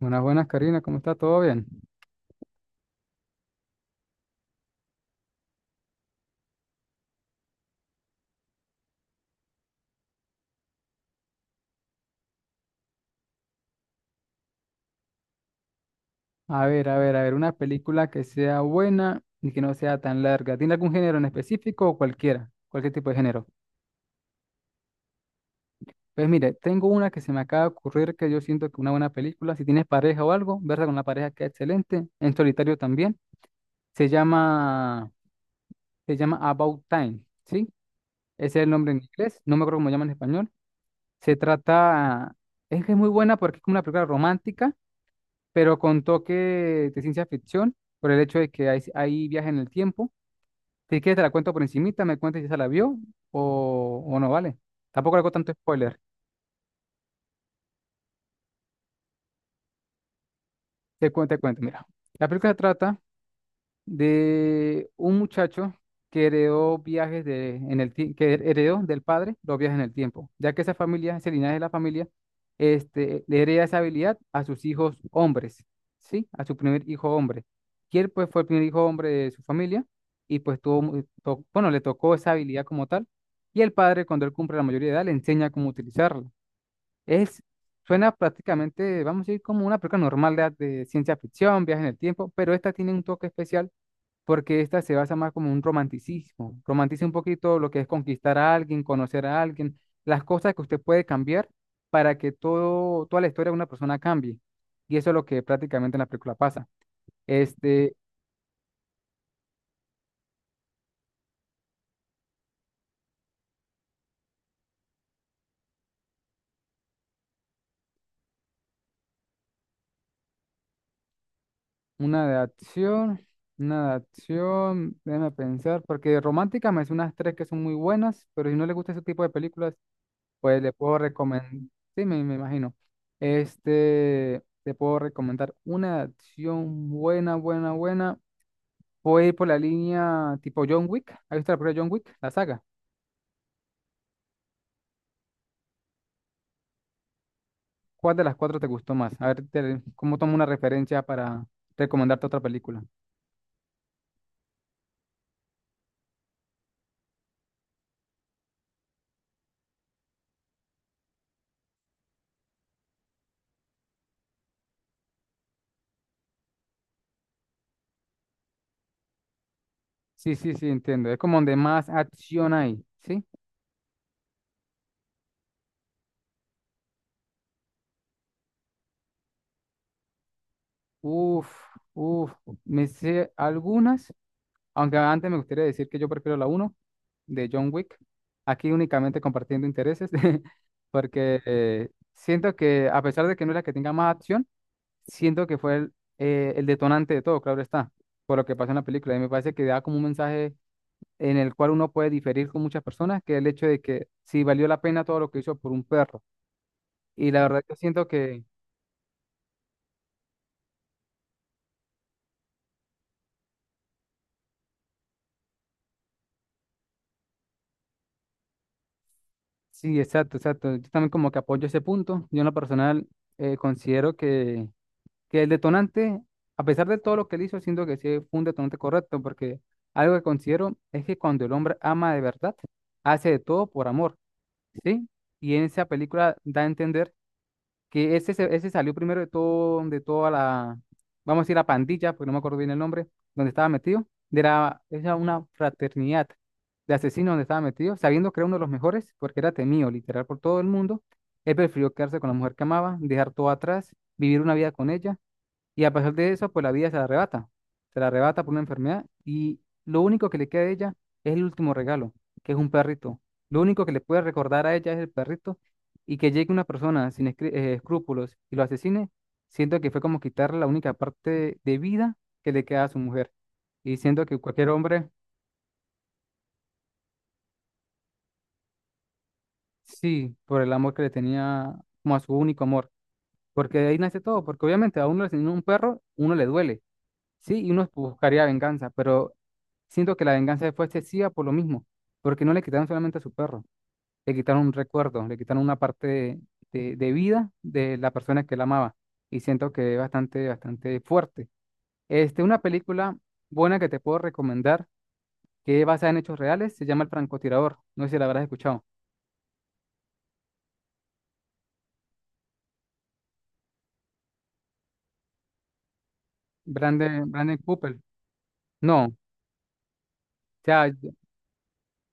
Buenas, buenas, Karina, ¿cómo está? ¿Todo bien? A ver, a ver, a ver, una película que sea buena y que no sea tan larga. ¿Tiene algún género en específico o cualquiera? Cualquier tipo de género. Pues mire, tengo una que se me acaba de ocurrir que yo siento que una buena película, si tienes pareja o algo, verla con la pareja queda excelente, en solitario también. Se llama, se llama About Time, ¿sí? Ese es el nombre en inglés, no me acuerdo cómo llama en español. Se trata, es que es muy buena porque es como una película romántica pero con toque de ciencia ficción, por el hecho de que hay viaje en el tiempo. Si quieres, te la cuento por encimita, me cuentas si esa la vio o no, ¿vale? Tampoco le hago tanto spoiler. Te cuento, mira. La película se trata de un muchacho que heredó viajes de, en el, tie- que heredó del padre los viajes en el tiempo, ya que esa familia, ese linaje de la familia, este, le hereda esa habilidad a sus hijos hombres, ¿sí? A su primer hijo hombre. Y él, pues, fue el primer hijo hombre de su familia y, pues, bueno, le tocó esa habilidad como tal. Y el padre, cuando él cumple la mayoría de edad, le enseña cómo utilizarla. Es, Suena prácticamente, vamos a decir, como una película normal de ciencia ficción, viaje en el tiempo, pero esta tiene un toque especial porque esta se basa más como un romanticismo. Romantiza un poquito lo que es conquistar a alguien, conocer a alguien, las cosas que usted puede cambiar para que todo, toda la historia de una persona cambie. Y eso es lo que prácticamente en la película pasa. Este, una de acción, una de acción, déjame pensar, porque romántica me hace unas tres que son muy buenas, pero si no le gusta ese tipo de películas, pues le puedo recomendar, sí, me imagino. Este, te puedo recomendar una de acción buena, buena, buena. Voy a ir por la línea tipo John Wick. ¿Has visto la primera John Wick? La saga. ¿Cuál de las cuatro te gustó más? A ver, cómo tomo una referencia para recomendarte otra película. Sí, sí, sí, entiendo. Es como donde más acción hay, ¿sí? Uf, uf. Me sé algunas, aunque antes me gustaría decir que yo prefiero la uno de John Wick. Aquí únicamente compartiendo intereses, porque siento que a pesar de que no es la que tenga más acción, siento que fue el detonante de todo, claro está, por lo que pasa en la película. Y me parece que da como un mensaje en el cual uno puede diferir con muchas personas, que el hecho de que si valió la pena todo lo que hizo por un perro. Y la verdad yo siento que sí, exacto, exacto. Yo también como que apoyo ese punto. Yo en lo personal considero que el detonante, a pesar de todo lo que él hizo, siento que sí fue un detonante correcto, porque algo que considero es que cuando el hombre ama de verdad, hace de todo por amor, ¿sí? Y en esa película da a entender que ese salió primero de todo, de toda la, vamos a decir la pandilla, porque no me acuerdo bien el nombre, donde estaba metido, de la, era una fraternidad de asesinos donde estaba metido, sabiendo que era uno de los mejores, porque era temido literal por todo el mundo, él prefirió quedarse con la mujer que amaba, dejar todo atrás, vivir una vida con ella y a pesar de eso, pues la vida se la arrebata. Se la arrebata por una enfermedad y lo único que le queda a ella es el último regalo, que es un perrito. Lo único que le puede recordar a ella es el perrito y que llegue una persona sin escrúpulos y lo asesine, siento que fue como quitarle la única parte de vida que le queda a su mujer. Y siento que cualquier hombre, sí, por el amor que le tenía como a su único amor, porque de ahí nace todo, porque obviamente a uno le asesina un perro, uno le duele. Sí, y uno buscaría venganza, pero siento que la venganza fue excesiva por lo mismo, porque no le quitaron solamente a su perro, le quitaron un recuerdo, le quitaron una parte de, de vida de la persona que la amaba, y siento que es bastante, bastante fuerte. Este, una película buena que te puedo recomendar, que es basada en hechos reales, se llama El francotirador, no sé si la habrás escuchado. Brandon Cooper. No, o sea,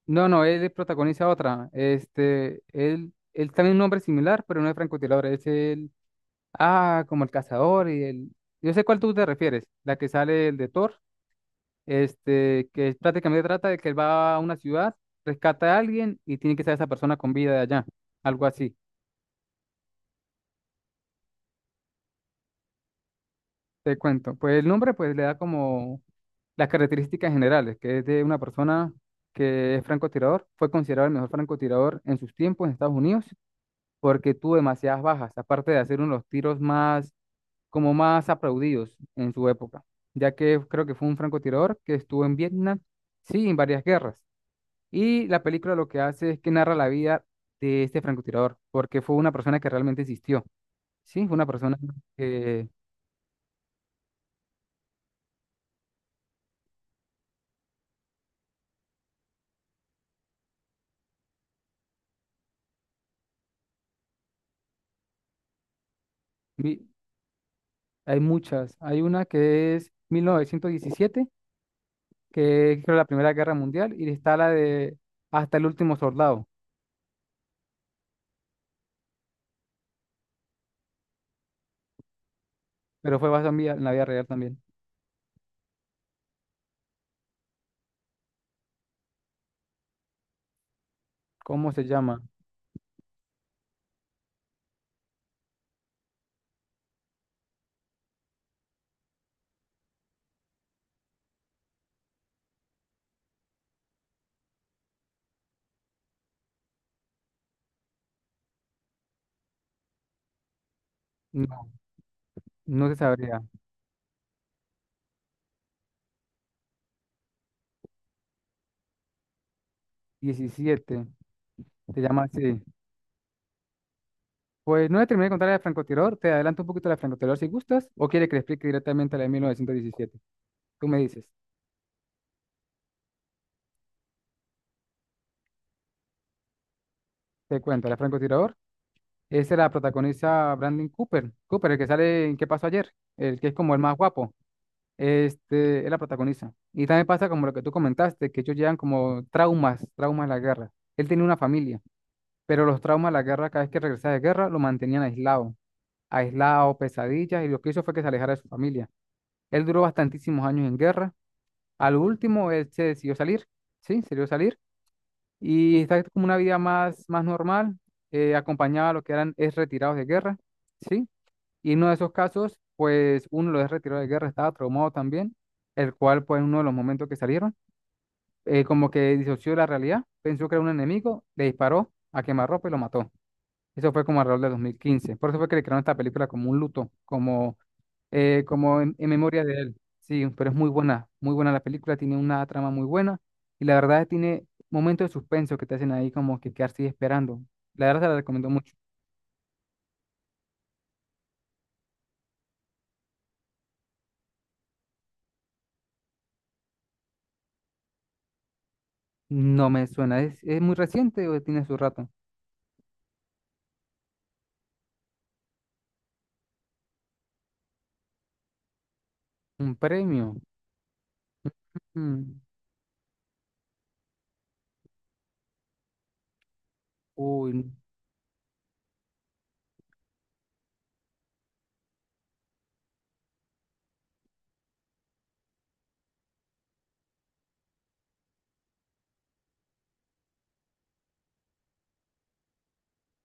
no, no, él protagoniza otra. Este, él también es un nombre similar, pero no es francotirador, es el. Ah, como el cazador y el. Yo sé cuál tú te refieres, la que sale el de Thor, este, que prácticamente trata de que él va a una ciudad, rescata a alguien y tiene que estar esa persona con vida de allá, algo así, te cuento. Pues el nombre pues le da como las características generales, que es de una persona que es francotirador, fue considerado el mejor francotirador en sus tiempos en Estados Unidos porque tuvo demasiadas bajas, aparte de hacer uno de los tiros más como más aplaudidos en su época, ya que creo que fue un francotirador que estuvo en Vietnam, sí, en varias guerras. Y la película lo que hace es que narra la vida de este francotirador, porque fue una persona que realmente existió, sí, fue una persona que vi- hay muchas, hay una que es 1917, que es creo, la Primera Guerra Mundial, y está la de Hasta el último soldado, pero fue basada en en la vida real también. ¿Cómo se llama? No, no se sabría. 17, se llama así. Pues no le terminé de contar la de francotirador, te adelanto un poquito la de francotirador si gustas, o quiere que le explique directamente la de 1917. Tú me dices, te cuento, la de francotirador, esa la protagoniza Brandon Cooper, Cooper, el que sale en ¿Qué pasó ayer? El que es como el más guapo, este, él la protagoniza. Y también pasa como lo que tú comentaste, que ellos llevan como traumas, traumas de la guerra. Él tenía una familia, pero los traumas de la guerra, cada vez que regresaba de guerra, lo mantenían aislado, aislado, pesadillas, y lo que hizo fue que se alejara de su familia. Él duró bastantísimos años en guerra. Al último, él se decidió salir, sí, se decidió salir y está como una vida más, más normal, acompañaba a lo que eran ex retirados de guerra, sí, y en uno de esos casos, pues uno de los ex retirados de guerra estaba traumado también, el cual, pues, en uno de los momentos que salieron, como que disoció de la realidad, pensó que era un enemigo, le disparó a quemarropa y lo mató. Eso fue como alrededor de 2015. Por eso fue que le crearon esta película como un luto, como como en memoria de él. Sí, pero es muy buena la película, tiene una trama muy buena y la verdad tiene momentos de suspenso que te hacen ahí como que quedarse ahí esperando. La verdad te la recomiendo mucho. No me suena, es muy reciente o tiene su rato? Un premio. Mm, uy,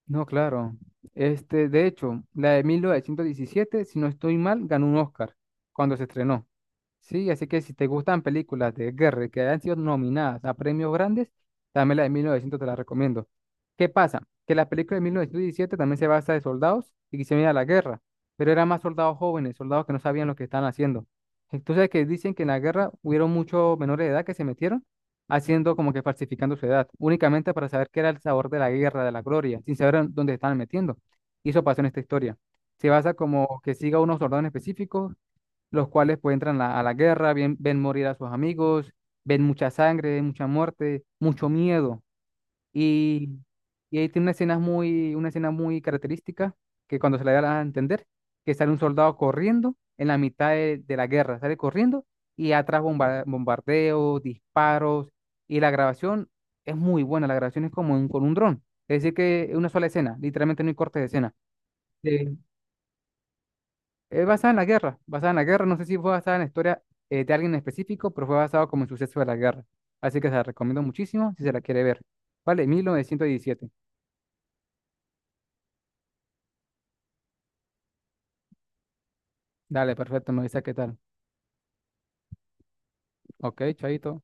no, claro. Este, de hecho, la de 1917 si no estoy mal, ganó un Oscar cuando se estrenó. Sí, así que si te gustan películas de guerra que hayan sido nominadas a premios grandes, también la de 1900 te la recomiendo. ¿Qué pasa? Que la película de 1917 también se basa de soldados y que se viene la guerra, pero eran más soldados jóvenes, soldados que no sabían lo que estaban haciendo. Entonces, que dicen que en la guerra hubieron muchos menores de edad que se metieron haciendo como que falsificando su edad, únicamente para saber qué era el sabor de la guerra, de la gloria, sin saber en dónde estaban metiendo. Y eso pasó en esta historia. Se basa como que siga a unos soldados en específico los cuales pues entran a la guerra, ven morir a sus amigos, ven mucha sangre, mucha muerte, mucho miedo. Y, y ahí tiene una escena muy característica que cuando se la da a entender, que sale un soldado corriendo en la mitad de la guerra, sale corriendo y atrás bombardeos, disparos y la grabación es muy buena, la grabación es como con un dron, es decir que es una sola escena, literalmente no hay cortes de escena. Sí. Es basada en la guerra, basada en la guerra, no sé si fue basada en la historia de alguien en específico, pero fue basado como en suceso de la guerra. Así que se la recomiendo muchísimo si se la quiere ver. Vale, 1917. Dale, perfecto, me avisa qué tal. Ok, chaito.